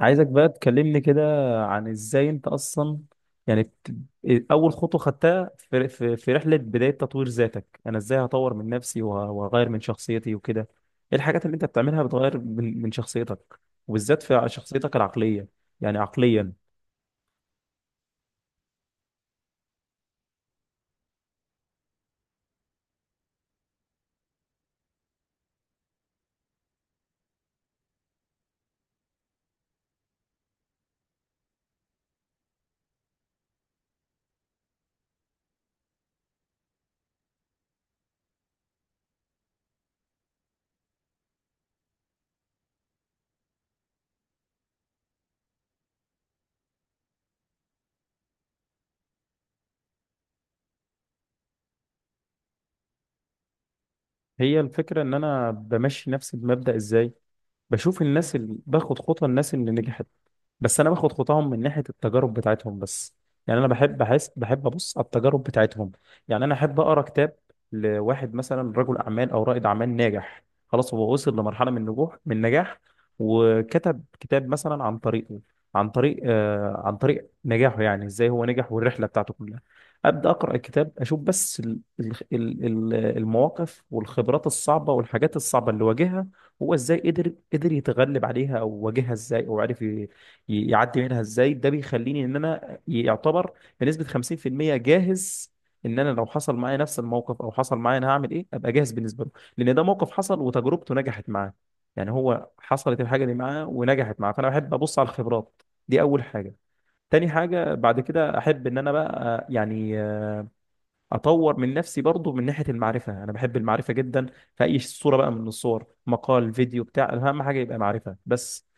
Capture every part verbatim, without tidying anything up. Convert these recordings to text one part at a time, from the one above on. عايزك بقى تكلمني كده عن ازاي انت اصلا، يعني بت- اول خطوه خدتها في في في رحله بدايه تطوير ذاتك. انا ازاي هطور من نفسي وه- وهغير من شخصيتي وكده؟ ايه الحاجات اللي انت بتعملها بتغير من من شخصيتك، وبالذات في ع- شخصيتك العقليه، يعني عقليا؟ هي الفكره ان انا بمشي نفسي بمبدا ازاي. بشوف الناس اللي باخد خطوه، الناس اللي نجحت، بس انا باخد خطاهم من ناحيه التجارب بتاعتهم بس. يعني انا بحب بحس بحب ابص على التجارب بتاعتهم. يعني انا احب اقرا كتاب لواحد مثلا رجل اعمال او رائد اعمال ناجح، خلاص هو وصل لمرحله من النجوح من النجاح، وكتب كتاب مثلا عن طريقه عن طريق آه عن طريق نجاحه. يعني ازاي هو نجح والرحله بتاعته كلها. ابدا اقرا الكتاب، اشوف بس ال- ال- ال- ال- المواقف والخبرات الصعبه والحاجات الصعبه اللي واجهها، هو ازاي قدر قدر يتغلب عليها او واجهها ازاي او عرف ي- يعدي منها ازاي. ده بيخليني ان انا يعتبر بنسبة خمسين في المية جاهز. ان انا لو حصل معايا نفس الموقف او حصل معايا، انا هعمل ايه؟ ابقى جاهز بالنسبة له، لان ده موقف حصل وتجربته نجحت معاه. يعني هو حصلت الحاجة دي معاه ونجحت معاه، فانا بحب ابص على الخبرات. دي اول حاجة. تاني حاجة بعد كده، احب ان انا بقى يعني اطور من نفسي برضو من ناحية المعرفة. انا بحب المعرفة جدا في اي صورة بقى من الصور، مقال، فيديو، بتاع، اهم حاجة يبقى معرفة بس.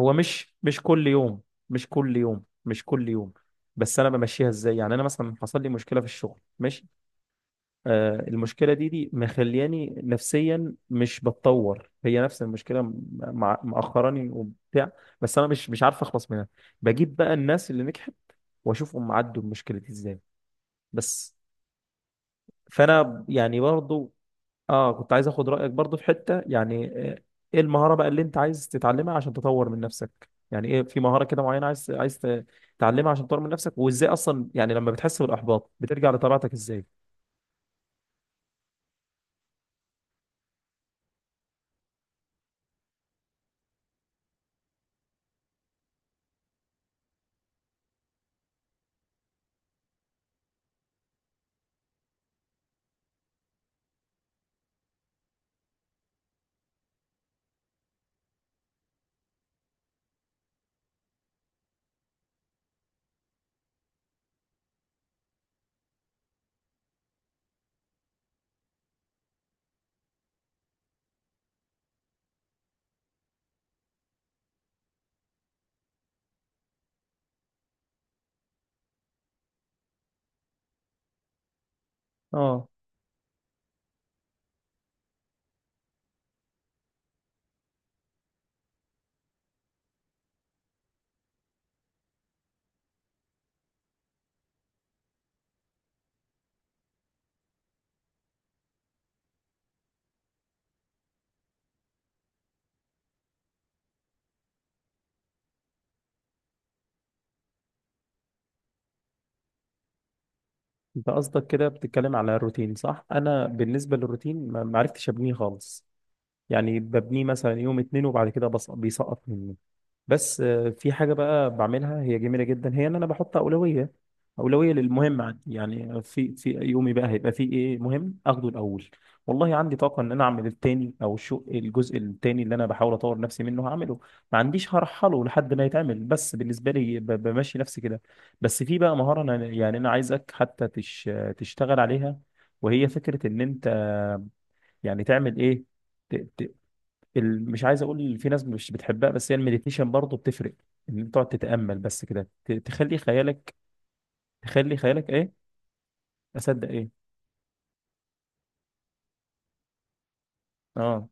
هو مش مش كل يوم، مش كل يوم، مش كل يوم. بس انا بمشيها ازاي. يعني انا مثلا حصل لي مشكله في الشغل، ماشي، آه المشكله دي دي مخلياني نفسيا مش بتطور، هي نفس المشكله م- مع، مأخراني وبتاع. بس انا مش مش عارف اخلص منها. بجيب بقى الناس اللي نجحت واشوفهم عدوا المشكله دي ازاي بس. فانا يعني برضو، اه كنت عايز اخد رايك برضو في حته يعني. آه، ايه المهاره بقى اللي انت عايز تتعلمها عشان تطور من نفسك؟ يعني ايه، في مهاره كده معينه عايز عايز ت- تتعلمها عشان تطور من نفسك؟ وازاي اصلا يعني لما بتحس بالاحباط بترجع لطبيعتك ازاي؟ اه، انت قصدك كده بتتكلم على الروتين، صح؟ انا بالنسبه للروتين ما ما عرفتش ابنيه خالص. يعني ببنيه مثلا يوم اتنين وبعد كده بص- بيسقط مني. بس آه، في حاجة بقى بعملها هي جميلة جدا، هي ان انا بحط أولوية، أولوية للمهم عندي. يعني في في يومي بقى هيبقى فيه ايه مهم اخده الأول. والله عندي طاقة ان انا اعمل التاني، او الشو الجزء التاني اللي انا بحاول اطور نفسي منه هعمله، ما عنديش. هرحله لحد ما يتعمل، بس بالنسبة لي ب- بمشي نفسي كده. بس في بقى مهارة، انا يعني انا عايزك حتى تش تشتغل عليها، وهي فكرة ان انت يعني تعمل ايه، ال- مش عايز اقول في ناس مش بتحبها، بس هي المديتيشن برضه بتفرق، ان انت تقعد تتامل بس كده، ت- تخلي خيالك. تخلي خيالك ايه؟ اصدق ايه؟ اه.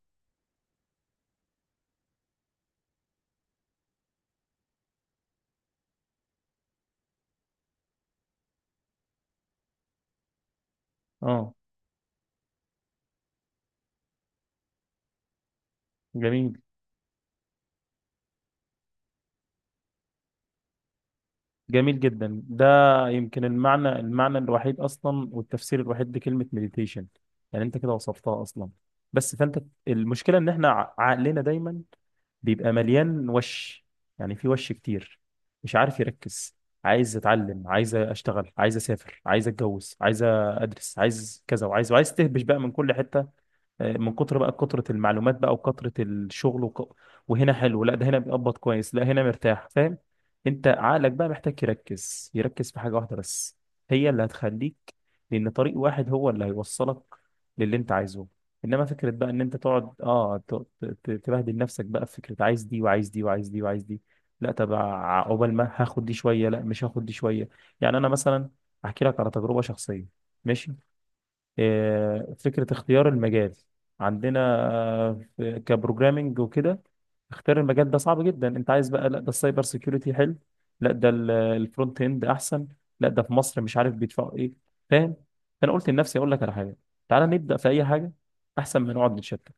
اه. جميل. جميل جدا ده. يمكن المعنى المعنى الوحيد اصلا والتفسير الوحيد لكلمه مديتيشن، يعني انت كده وصفتها اصلا. بس فانت، المشكله ان احنا ع- عقلنا دايما بيبقى مليان وش، يعني في وش كتير مش عارف يركز. عايز اتعلم، عايز اشتغل، عايز اسافر، عايز اتجوز، عايز ادرس، عايز كذا، وعايز وعايز تهبش بقى من كل حتة. آه، من كتر بقى كترة المعلومات بقى وكترة الشغل، وك... وهنا حلو، لا ده هنا بيقبض كويس، لا هنا مرتاح، فاهم. انت عقلك بقى محتاج يركز يركز في حاجة واحدة بس، هي اللي هتخليك، لان طريق واحد هو اللي هيوصلك للي انت عايزه. انما فكرة بقى ان انت تقعد اه ت- ت- تبهدل نفسك بقى في فكرة عايز دي وعايز دي وعايز دي وعايز دي. لا، طب عقبال ما هاخد دي شوية، لا مش هاخد دي شوية. يعني انا مثلا احكي لك على تجربة شخصية، ماشي؟ آه، فكرة اختيار المجال عندنا، آه، في- كبروجرامينج وكده. اختيار المجال ده صعب جدا. انت عايز بقى، لا ده السايبر سيكيورتي حلو، لا ده ال- الفرونت اند احسن، لا ده في مصر مش عارف بيدفعوا ايه، فاهم. فانا قلت لنفسي اقول لك على حاجه، تعالى نبدا في اي حاجه، احسن ما نقعد نتشتت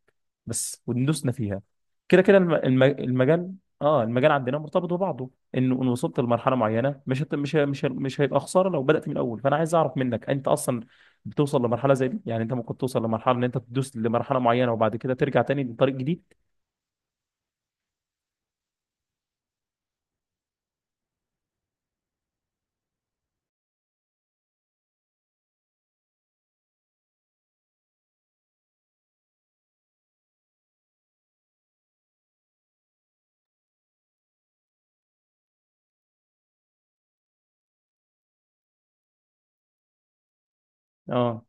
بس، وندوسنا فيها. كده كده الم- الم- المجال. اه، المجال عندنا مرتبط ببعضه، انه ان وصلت لمرحله معينه مش هت- مش ه- مش ه- مش هيبقى خساره لو بدات من الاول. فانا عايز اعرف منك انت اصلا بتوصل لمرحله زي دي؟ يعني انت ممكن توصل لمرحله ان انت تدوس لمرحله معينه وبعد كده ترجع تاني لطريق جديد؟ اه.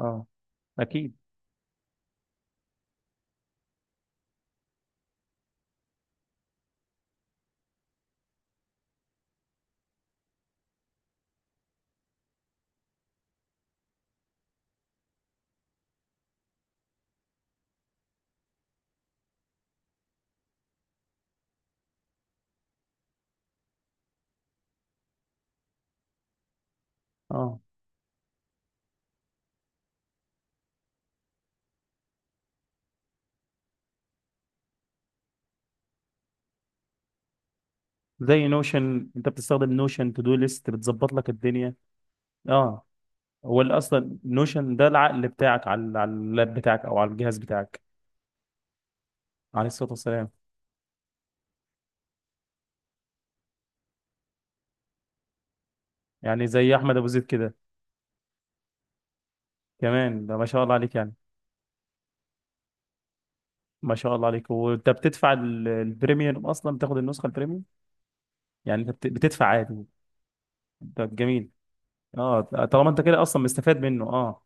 اه. اكيد. اه. زي نوشن، انت بتستخدم نوشن؟ تو دو ليست بتظبط لك الدنيا. اه. هو اللي اصلا نوشن ده العقل بتاعك على على اللاب بتاعك او على الجهاز بتاعك. عليه الصلاه والسلام. يعني زي احمد ابو زيد كده. كمان ده، ما شاء الله عليك يعني. ما شاء الله عليك، وانت بتدفع ال- البريميوم اصلا، بتاخد النسخه البريميوم؟ يعني انت بت- بتدفع عادي؟ ده جميل. اه، طالما انت كده اصلا مستفاد منه، اه.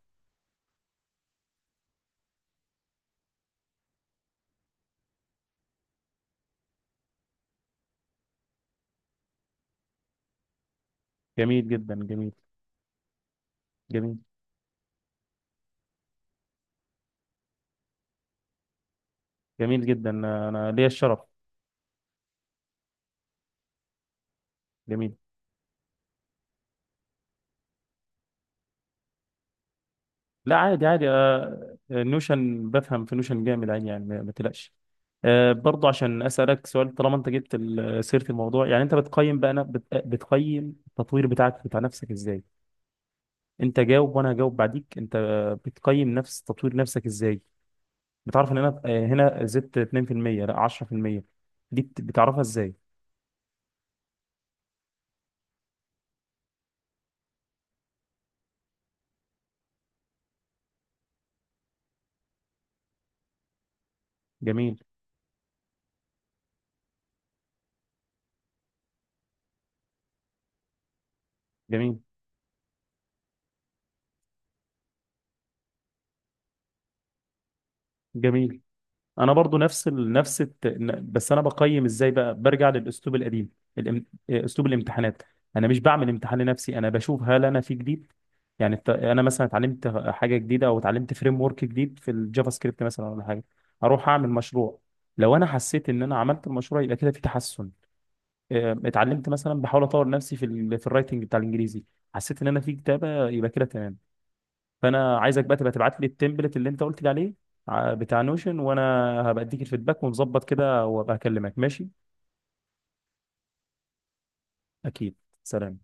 جميل جدا. جميل. جميل. جميل جدا، انا ليا الشرف. جميل. لا، عادي، عادي. آه، آه، نوشن بفهم في نوشن جامد عادي، يعني ما ما تقلقش. آه، برضه عشان اسالك سؤال، طالما انت جبت ال- سيره الموضوع، يعني انت بتقيم بقى، أنا بت- بتقيم التطوير بتاعك بتاع نفسك ازاي؟ انت جاوب وانا هجاوب بعديك. انت بتقيم نفس تطوير نفسك ازاي؟ بتعرف ان انا آه، هنا زدت اتنين في المية، لا عشرة في المية، دي بت- بتعرفها ازاي؟ جميل. جميل. جميل. انا برضو نفس ال... نفس الت... ن- بس انا بقيم ازاي بقى، برجع للاسلوب القديم، الام... إيه، اسلوب الامتحانات. انا مش بعمل امتحان لنفسي، انا بشوف هل انا في جديد. يعني الت... انا مثلا اتعلمت حاجه جديده، او اتعلمت فريم ورك جديد في الجافا سكريبت مثلا، ولا حاجه، اروح اعمل مشروع. لو انا حسيت ان انا عملت المشروع يبقى كده في تحسن. إيه، اتعلمت مثلا، بحاول اطور نفسي في ال... في الرايتنج بتاع الانجليزي. حسيت ان انا في كتابه يبقى كده تمام. فانا عايزك بقى تبقى تبعت لي التمبلت اللي انت قلت لي عليه، ع- بتاع نوشن، وانا هبقى اديك الفيدباك ونظبط كده، وابقى اكلمك، ماشي؟ اكيد. سلام.